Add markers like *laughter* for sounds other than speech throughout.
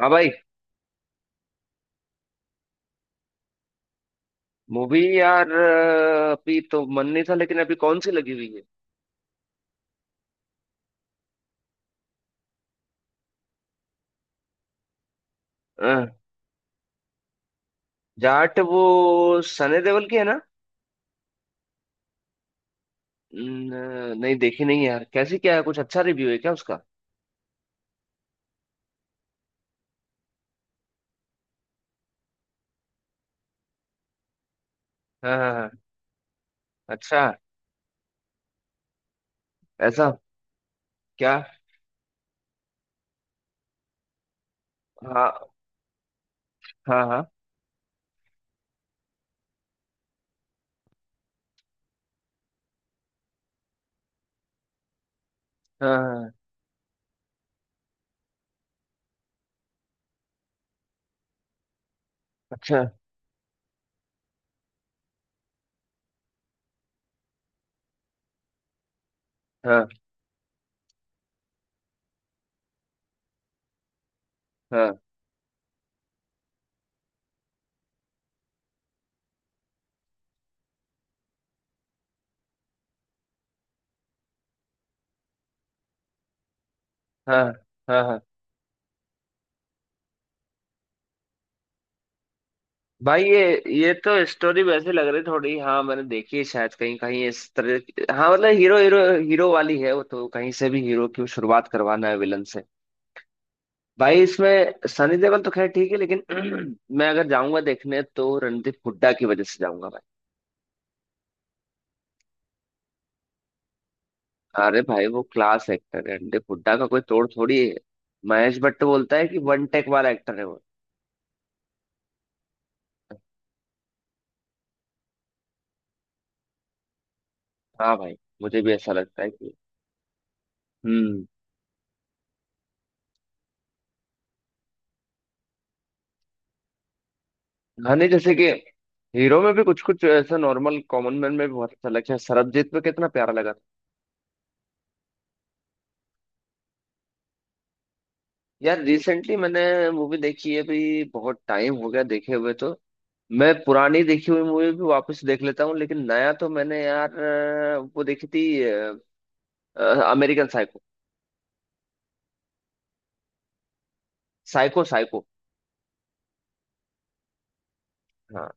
हाँ भाई। मूवी यार अभी तो मन नहीं था लेकिन अभी कौन सी लगी हुई है? अ, जाट वो सनी देओल की है ना? नहीं देखी नहीं यार। कैसी क्या है? कुछ अच्छा रिव्यू है क्या उसका? हाँ हाँ हाँ। अच्छा। ऐसा? क्या? हाँ हाँ हाँ हाँ। हाँ, अच्छा। हाँ हाँ हाँ हाँ। हाँ भाई ये तो स्टोरी वैसे लग रही थोड़ी। हाँ मैंने देखी है शायद कहीं कहीं इस तरह हाँ। मतलब हीरो हीरो हीरो वाली है वो। तो कहीं से भी हीरो की शुरुआत करवाना है विलन से। भाई इसमें सनी देओल तो खैर ठीक है लेकिन *clears throat* मैं अगर जाऊंगा देखने तो रणदीप हुड्डा की वजह से जाऊंगा भाई। अरे भाई वो क्लास एक्टर है, रणदीप हुड्डा का कोई तोड़ थोड़ी है। महेश भट्ट बोलता है कि वन टेक वाला एक्टर है वो। हाँ भाई मुझे भी ऐसा लगता है कि। हम्म। हाँ नहीं जैसे कि हीरो में भी कुछ कुछ ऐसा नॉर्मल कॉमन मैन में भी बहुत अच्छा लगता है। सरबजीत में कितना प्यारा लगा था। यार रिसेंटली मैंने मूवी देखी है भी। बहुत टाइम हो गया देखे हुए। तो मैं पुरानी देखी हुई मूवी भी वापस देख लेता हूँ लेकिन नया तो मैंने यार वो देखी थी। American psycho. Psycho psycho. हाँ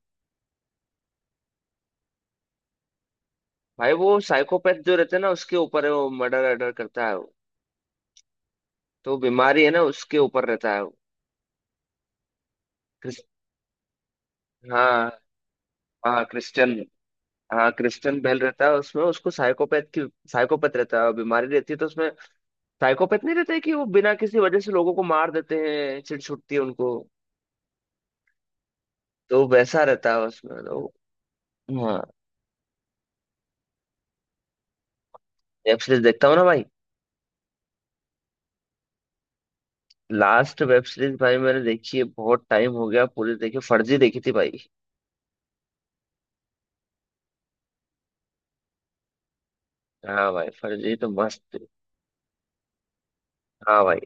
भाई वो साइकोपैथ जो रहते हैं ना उसके ऊपर है वो। मर्डर अर्डर करता है वो। तो बीमारी है ना, उसके ऊपर रहता है वो। क्रिस, हाँ। हाँ क्रिश्चियन। हाँ क्रिश्चियन बेल रहता है उसमें, उसको साइकोपैथ की साइकोपैथ रहता है और बीमारी रहती है तो उसमें। साइकोपैथ नहीं रहता है कि वो बिना किसी वजह से लोगों को मार देते हैं, चिढ़ छुटती है उनको। तो वैसा रहता है उसमें तो। हाँ। वेब सीरीज देखता हूँ ना भाई। लास्ट वेब सीरीज भाई मैंने देखी है, बहुत टाइम हो गया, पूरी देखी फर्जी देखी थी भाई। हाँ भाई फर्जी तो मस्त थी। हाँ भाई।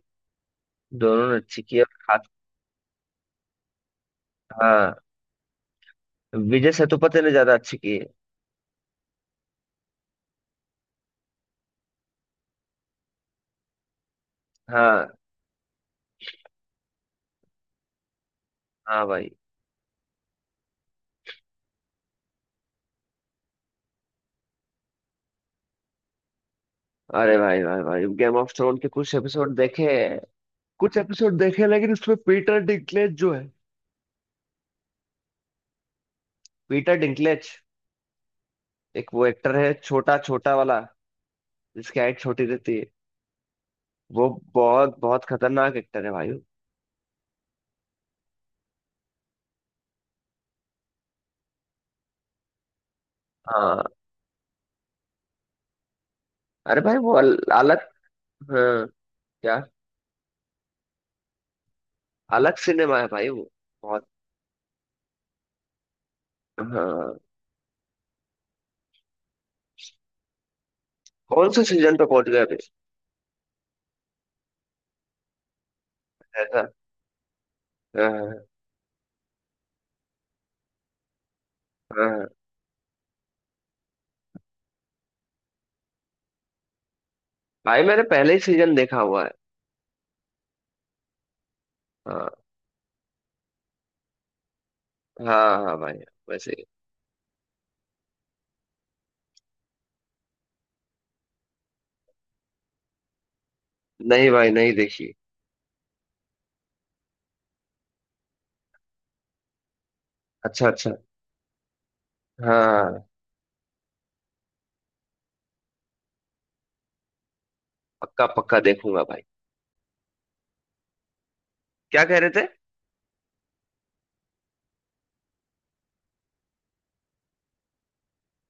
दोनों ने अच्छी की है खास। हाँ। विजय सेतुपति ने ज्यादा अच्छी की है। हाँ हाँ भाई। अरे भाई भाई भाई गेम ऑफ थ्रोन के कुछ एपिसोड देखे। कुछ एपिसोड देखे लेकिन उसमें पीटर डिंकलेज जो है, पीटर डिंकलेज एक वो एक्टर है छोटा छोटा वाला, जिसकी हाइट छोटी रहती है। वो बहुत बहुत खतरनाक एक्टर है भाई वो। हाँ। अरे भाई वो अलग। हाँ। क्या? अलग सिनेमा है भाई वो। बहुत। हाँ। कौन से सीजन पे पहुंच गया अभी? ऐसा। हाँ हाँ भाई मैंने पहले ही सीजन देखा हुआ है। हाँ हाँ हाँ भाई वैसे ही। नहीं भाई नहीं देखी। अच्छा अच्छा। हाँ। पक्का पक्का देखूंगा भाई। क्या कह रहे थे?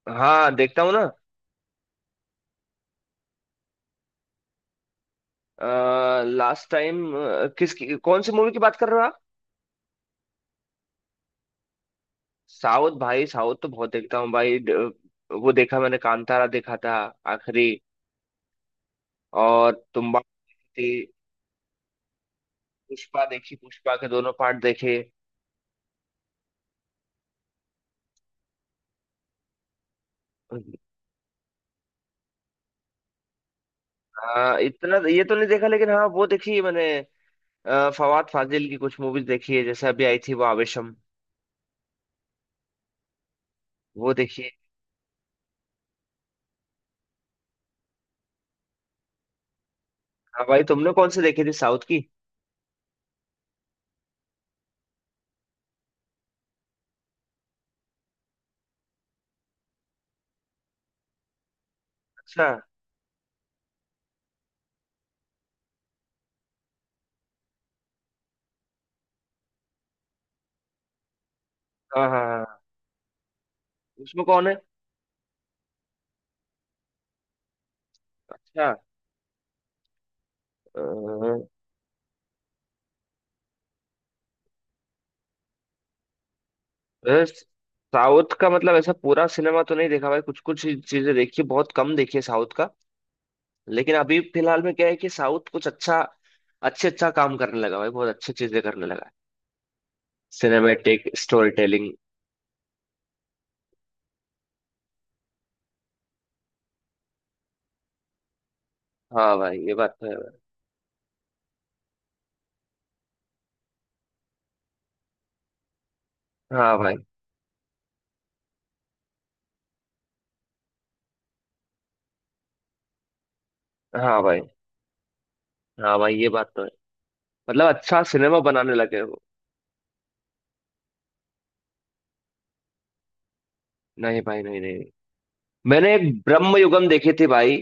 हाँ देखता हूँ ना। लास्ट टाइम किसकी कौन सी मूवी की बात कर रहे हो आप? साउथ भाई साउथ तो बहुत देखता हूँ भाई वो देखा मैंने, कांतारा देखा था आखिरी, और तुम्बाड़। थी। पुष्पा देखी, पुष्पा के दोनों पार्ट देखे। आ, इतना ये तो नहीं देखा लेकिन हाँ वो देखी है मैंने। फवाद फाजिल की कुछ मूवीज देखी है, जैसे अभी आई थी वो आवेशम, वो देखी है। हाँ भाई तुमने कौन सी देखी थी साउथ की? अच्छा। हाँ हाँ हाँ। उसमें कौन है? अच्छा। अ, अ, साउथ का मतलब ऐसा पूरा सिनेमा तो नहीं देखा भाई, कुछ कुछ चीजें देखी, बहुत कम देखी है साउथ का। लेकिन अभी फिलहाल में क्या है कि साउथ कुछ अच्छा अच्छे अच्छा काम करने लगा भाई, बहुत अच्छी चीजें करने लगा है, सिनेमेटिक स्टोरी टेलिंग। हाँ भाई ये बात तो है भाई। हाँ भाई। हाँ भाई। हाँ भाई ये बात तो है। मतलब अच्छा सिनेमा बनाने लगे हो। नहीं भाई नहीं नहीं। मैंने एक ब्रह्म युगम देखी थी भाई।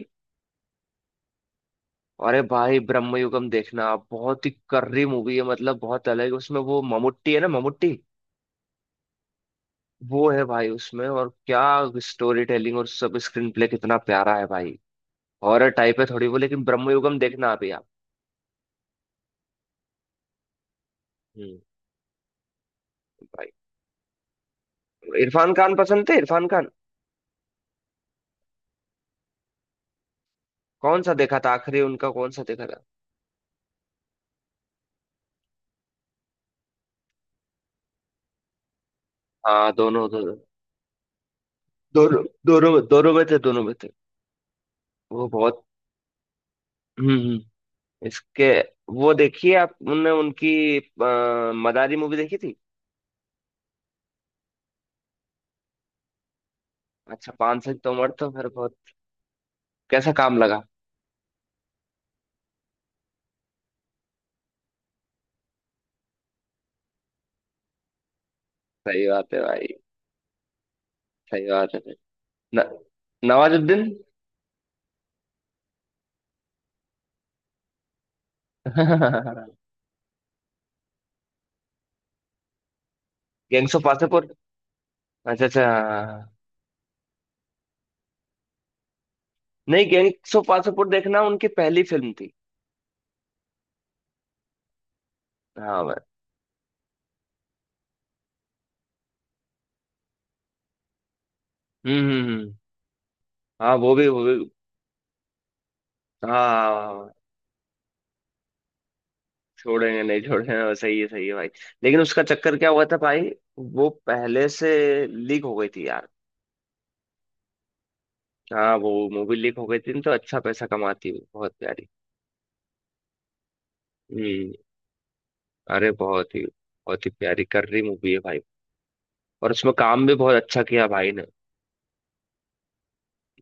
अरे भाई ब्रह्म युगम देखना बहुत ही कर्री मूवी है, मतलब बहुत अलग। उसमें वो ममुट्टी है ना, ममुट्टी वो है भाई उसमें। और क्या स्टोरी टेलिंग और सब, स्क्रीन प्ले कितना प्यारा है भाई। हॉरर टाइप है थोड़ी वो, लेकिन ब्रह्म युगम देखना अभी आप। हम्म। भाई इरफान खान पसंद थे, इरफान खान। कौन सा देखा था आखिरी उनका? कौन सा देखा था? हाँ दोनों दोनों। दोनों दोनों में, दोनों में थे दोनों में थे। वो बहुत। हम्म। इसके। वो देखिए आप उनने उनकी मदारी मूवी देखी थी? अच्छा पान सिंह तोमर तो फिर बहुत। कैसा काम लगा? सही बात है भाई। सही बात है। न, नवाजुद्दीन। *laughs* Gangs of Wasseypur. अच्छा अच्छा। हाँ, हाँ, हाँ। नहीं गैंग्स ऑफ वासेपुर देखना, उनकी पहली फिल्म थी। हाँ भाई। हम्म हम्म हम्म। हाँ वो भी वो भी। हाँ, हाँ, हाँ, हाँ। छोड़ेंगे नहीं छोड़ेंगे, वो सही है भाई। लेकिन उसका चक्कर क्या हुआ था भाई, वो पहले से लीक हो गई थी यार। हाँ वो मूवी लीक हो गई थी न, तो अच्छा पैसा कमाती है, बहुत प्यारी। हम्म। अरे बहुत ही प्यारी कर रही मूवी है भाई। और उसमें काम भी बहुत अच्छा किया भाई ने।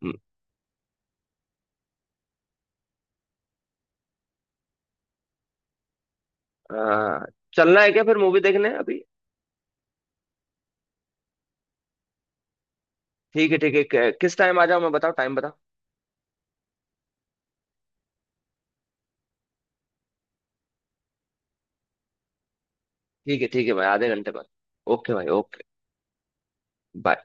हम्म, आ, चलना है क्या फिर मूवी देखने अभी? ठीक है ठीक है। किस टाइम आ जाओ मैं बताओ टाइम बताओ। ठीक है भाई, आधे घंटे बाद। ओके भाई ओके। बाय।